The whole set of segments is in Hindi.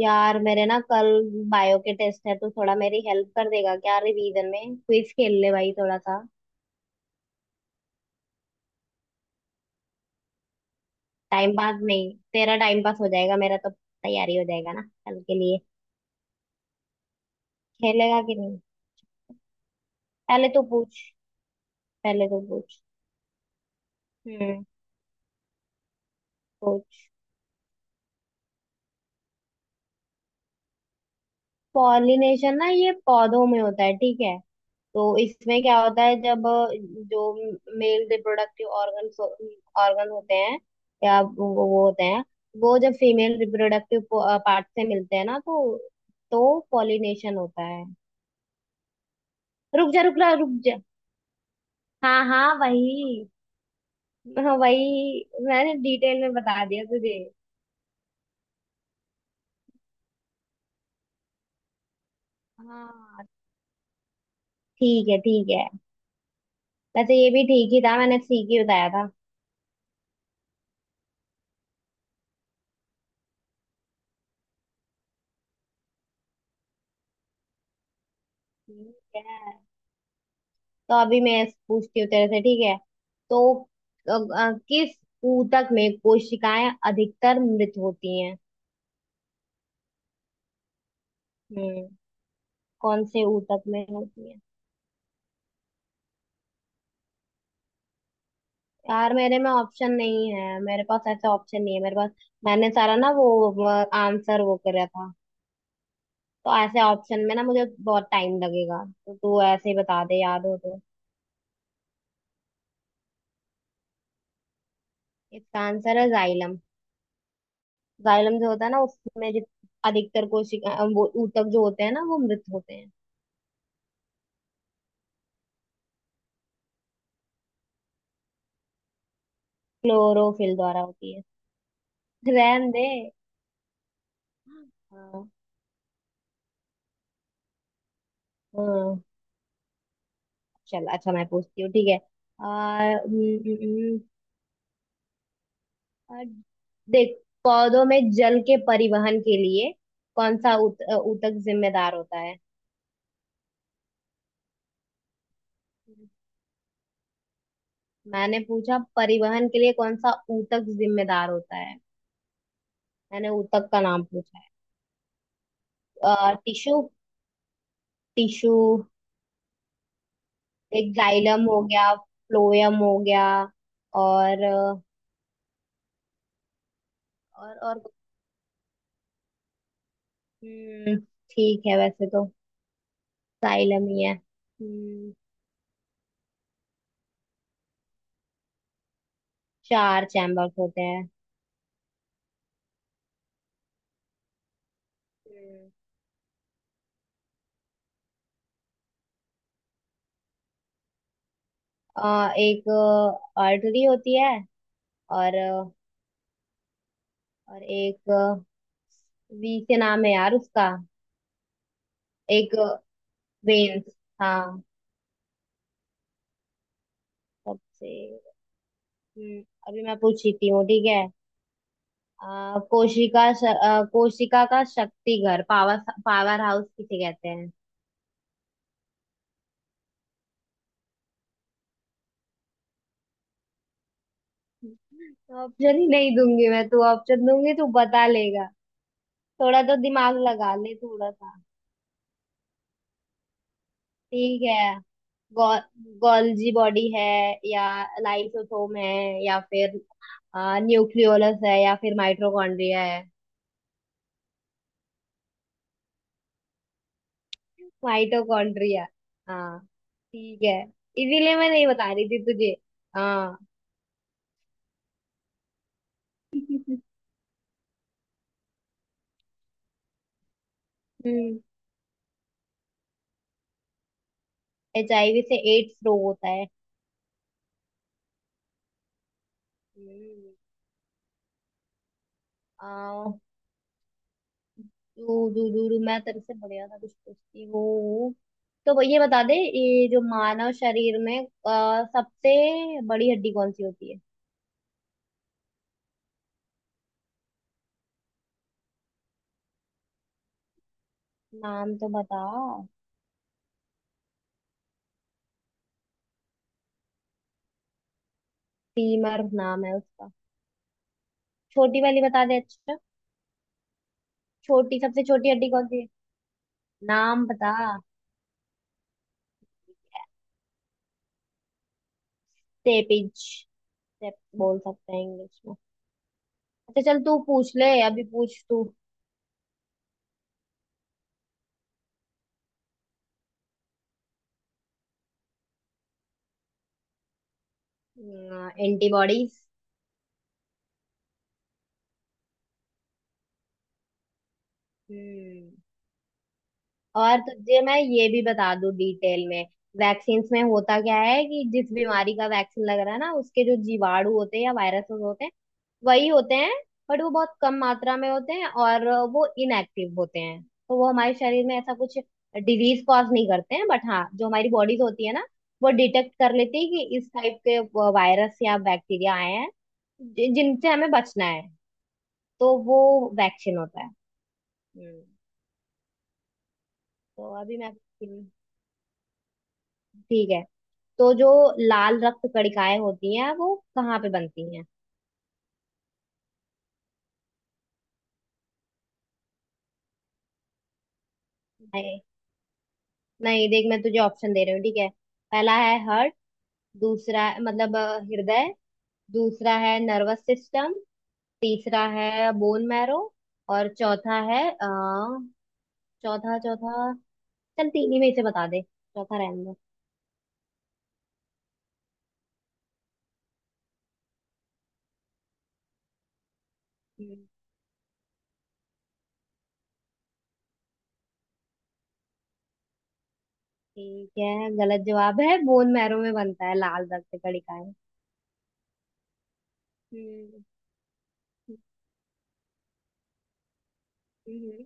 यार मेरे ना कल बायो के टेस्ट है तो थोड़ा मेरी हेल्प कर देगा क्या? रिवीजन में क्विज खेल ले भाई, थोड़ा सा। टाइम पास नहीं, तेरा टाइम पास हो जाएगा, मेरा तो तैयारी हो जाएगा ना कल के लिए। खेलेगा कि नहीं? पहले तो पूछ, पहले तो पूछ। हम्म। पूछ। पॉलिनेशन ना, ये पौधों में होता है, ठीक है। तो इसमें क्या होता है, जब जो मेल रिप्रोडक्टिव ऑर्गन ऑर्गन होते हैं, या वो होते हैं, वो जब फीमेल रिप्रोडक्टिव पार्ट से मिलते हैं ना तो पॉलिनेशन होता है। रुक जा रुक जा रुक जा। हाँ हाँ, वही। हाँ वही, मैंने डिटेल में बता दिया तुझे। हाँ, ठीक है ठीक है। वैसे ये भी ठीक ही था, मैंने ठीक ही बताया था। ठीक है, तो अभी मैं पूछती हूँ तेरे से, ठीक है। तो किस ऊतक में कोशिकाएं अधिकतर मृत होती हैं? हम्म। कौन से ऊतक में होती है? यार मेरे में ऑप्शन नहीं है, मेरे पास ऐसा ऑप्शन नहीं है मेरे पास। मैंने सारा ना वो आंसर वो करा था। तो ऐसे ऑप्शन में ना मुझे बहुत टाइम लगेगा, तो तू ऐसे ही बता दे याद हो तो। इसका आंसर है जाइलम। जाइलम जो होता है ना, उसमें अधिकतर कोशिका, वो ऊतक जो होते हैं ना, वो मृत होते हैं। क्लोरोफिल द्वारा होती है। रहन दे। हाँ। हाँ, चल अच्छा मैं पूछती हूँ, ठीक है। आ, हम्म, आ, देख, पौधों में जल के परिवहन के लिए कौन सा ऊतक जिम्मेदार होता है? मैंने पूछा परिवहन के लिए कौन सा ऊतक जिम्मेदार होता है। मैंने ऊतक का नाम पूछा। है टिश्यू। टिश्यू। एक जाइलम हो गया, फ्लोएम हो गया। और अ, और हम्म, ठीक है, वैसे तो साइलम ही है। हम्म। चार चैम्बर्स होते हैं। हम्म, एक आर्टरी होती है। और अ, और एक, वी से नाम है यार उसका। एक वेन्स। हाँ। सबसे। हम्म, अभी मैं पूछती हूँ, ठीक है। कोशिका का शक्ति घर, पावर पावर हाउस किसे कहते हैं? ऑप्शन ही नहीं दूंगी मैं, तू ऑप्शन दूंगी तू बता लेगा। थोड़ा तो दिमाग लगा ले, थोड़ा सा। ठीक है। गौ, गॉल्जी बॉडी है, या लाइसोसोम है, या फिर न्यूक्लियोलस है, या फिर माइटोकॉन्ड्रिया है? माइटोकॉन्ड्रिया। हाँ। ठीक है। इसीलिए मैं नहीं बता रही थी तुझे। हाँ। हम्म। HIV से एड्स रोग होता है। हम्म, आ, दू, दू, दू, दू, मैं तेरे से बढ़िया था कुछ पूछती हूँ। तो ये बता दे, ये जो मानव शरीर में सबसे बड़ी हड्डी कौन सी होती है? नाम तो बता। टीमर नाम है उसका। छोटी वाली बता दे अच्छा। छोटी, सबसे छोटी हड्डी कौन सी है? नाम बता। सेपिज। सेप। बोल सकते हैं इंग्लिश में। अच्छा चल तू पूछ ले, अभी पूछ तू। एंटीबॉडीज। हम्म। antibodies। और तुझे मैं ये भी बता दूं डिटेल में। वैक्सीन्स में होता क्या है कि जिस बीमारी का वैक्सीन लग रहा है ना, उसके जो जीवाणु होते हैं या वायरस होते हैं, वही होते हैं, बट वो बहुत कम मात्रा में होते हैं, और वो इनएक्टिव होते हैं। तो वो हमारे शरीर में ऐसा कुछ डिजीज कॉज नहीं करते हैं, बट हाँ, जो हमारी बॉडीज होती है ना, वो डिटेक्ट कर लेती है कि इस टाइप के वायरस या बैक्टीरिया आए हैं, जिनसे हमें बचना है, तो वो वैक्सीन होता है। हम्म। तो अभी मैं, ठीक है। तो जो लाल रक्त कणिकाएं होती हैं वो कहाँ पे बनती हैं? नहीं। नहीं, देख मैं तुझे ऑप्शन दे रही हूँ, ठीक है। पहला है हार्ट, दूसरा मतलब हृदय। दूसरा है नर्वस सिस्टम, तीसरा है बोन मैरो, और चौथा है चौथा चौथा। चल तीन ही में से बता दे, चौथा रहने दो। हम्म, ठीक है, गलत जवाब है, बोन मैरो में बनता है लाल रक्त कणिकाएं। हम्म। हम्म, हम्म,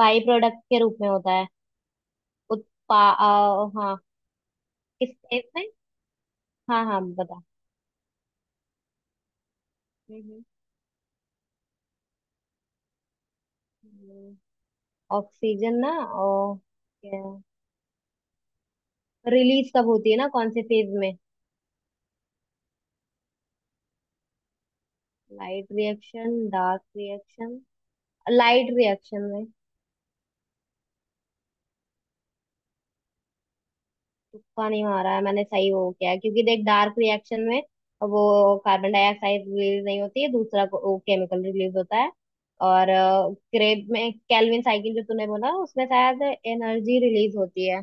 बाई प्रोडक्ट के रूप में होता है। हाँ। किस इसमें? हाँ हाँ बता। हम्म, ऑक्सीजन ना और क्या, रिलीज कब होती है ना कौन से फेज में? Light reaction, dark reaction? Light reaction में। तुक्का नहीं मारा है मैंने, सही वो क्या है क्योंकि देख डार्क रिएक्शन में वो कार्बन डाइऑक्साइड रिलीज नहीं होती है, दूसरा केमिकल रिलीज होता है। और क्रेब में, कैल्विन साइकिल जो तूने बोला उसमें शायद एनर्जी रिलीज होती है,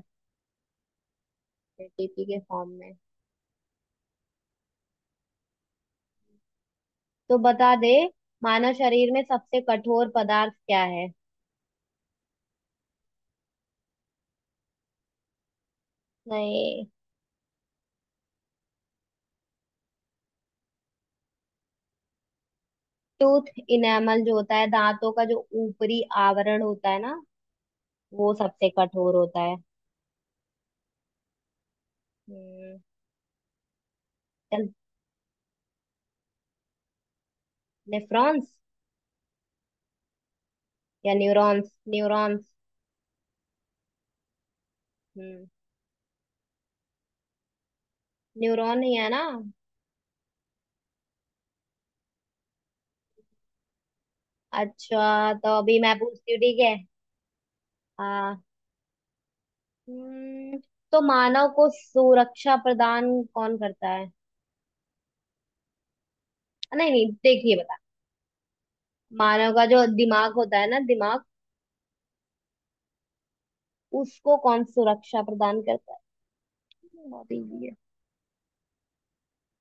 एटीपी के फॉर्म में। तो बता दे मानव शरीर में सबसे कठोर पदार्थ क्या है? नहीं। टूथ, इनेमल जो होता है दांतों का, जो ऊपरी आवरण होता है ना, वो सबसे कठोर होता है। हम्म। चल। नेफ्रॉन्स, या न्यूरॉन्स न्यूरॉन्स। हम्म। न्यूरॉन ही है ना? अच्छा, तो अभी मैं पूछती हूँ, ठीक है। हाँ। हम्म, तो मानव को सुरक्षा प्रदान कौन करता है? नहीं नहीं, देखिए, बता। मानव का जो दिमाग होता है ना, दिमाग उसको कौन सुरक्षा प्रदान करता है? बहुत इजी है।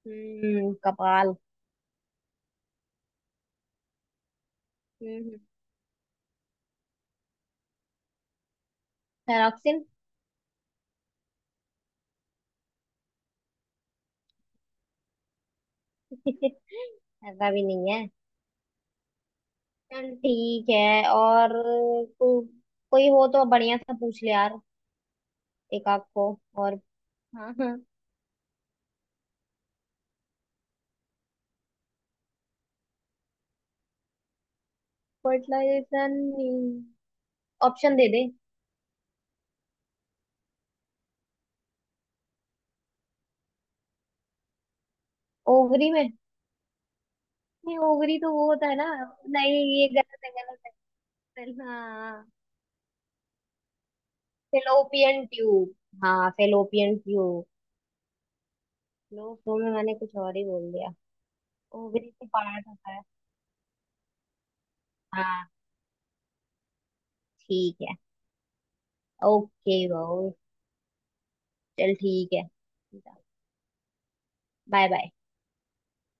हम्म। कपाल। हम्म। थायरॉक्सिन। ऐसा भी नहीं है। चल ठीक है। और को, कोई हो तो बढ़िया सा पूछ ले यार, एक आध को। और। हाँ हाँ। फर्टिलाइजेशन। ऑप्शन दे दे। ओवरी में। नहीं, ओवरी तो वो होता है ना। नहीं, ये गलत है, गलत है। हाँ। Fallopian tube. हाँ, फेलोपियन ट्यूब। लोग तो मैं, मैंने कुछ और ही बोल दिया। ओवरी से पार्ट होता है। हाँ। ठीक है। ओके भाऊ। चल ठीक है। Bye bye.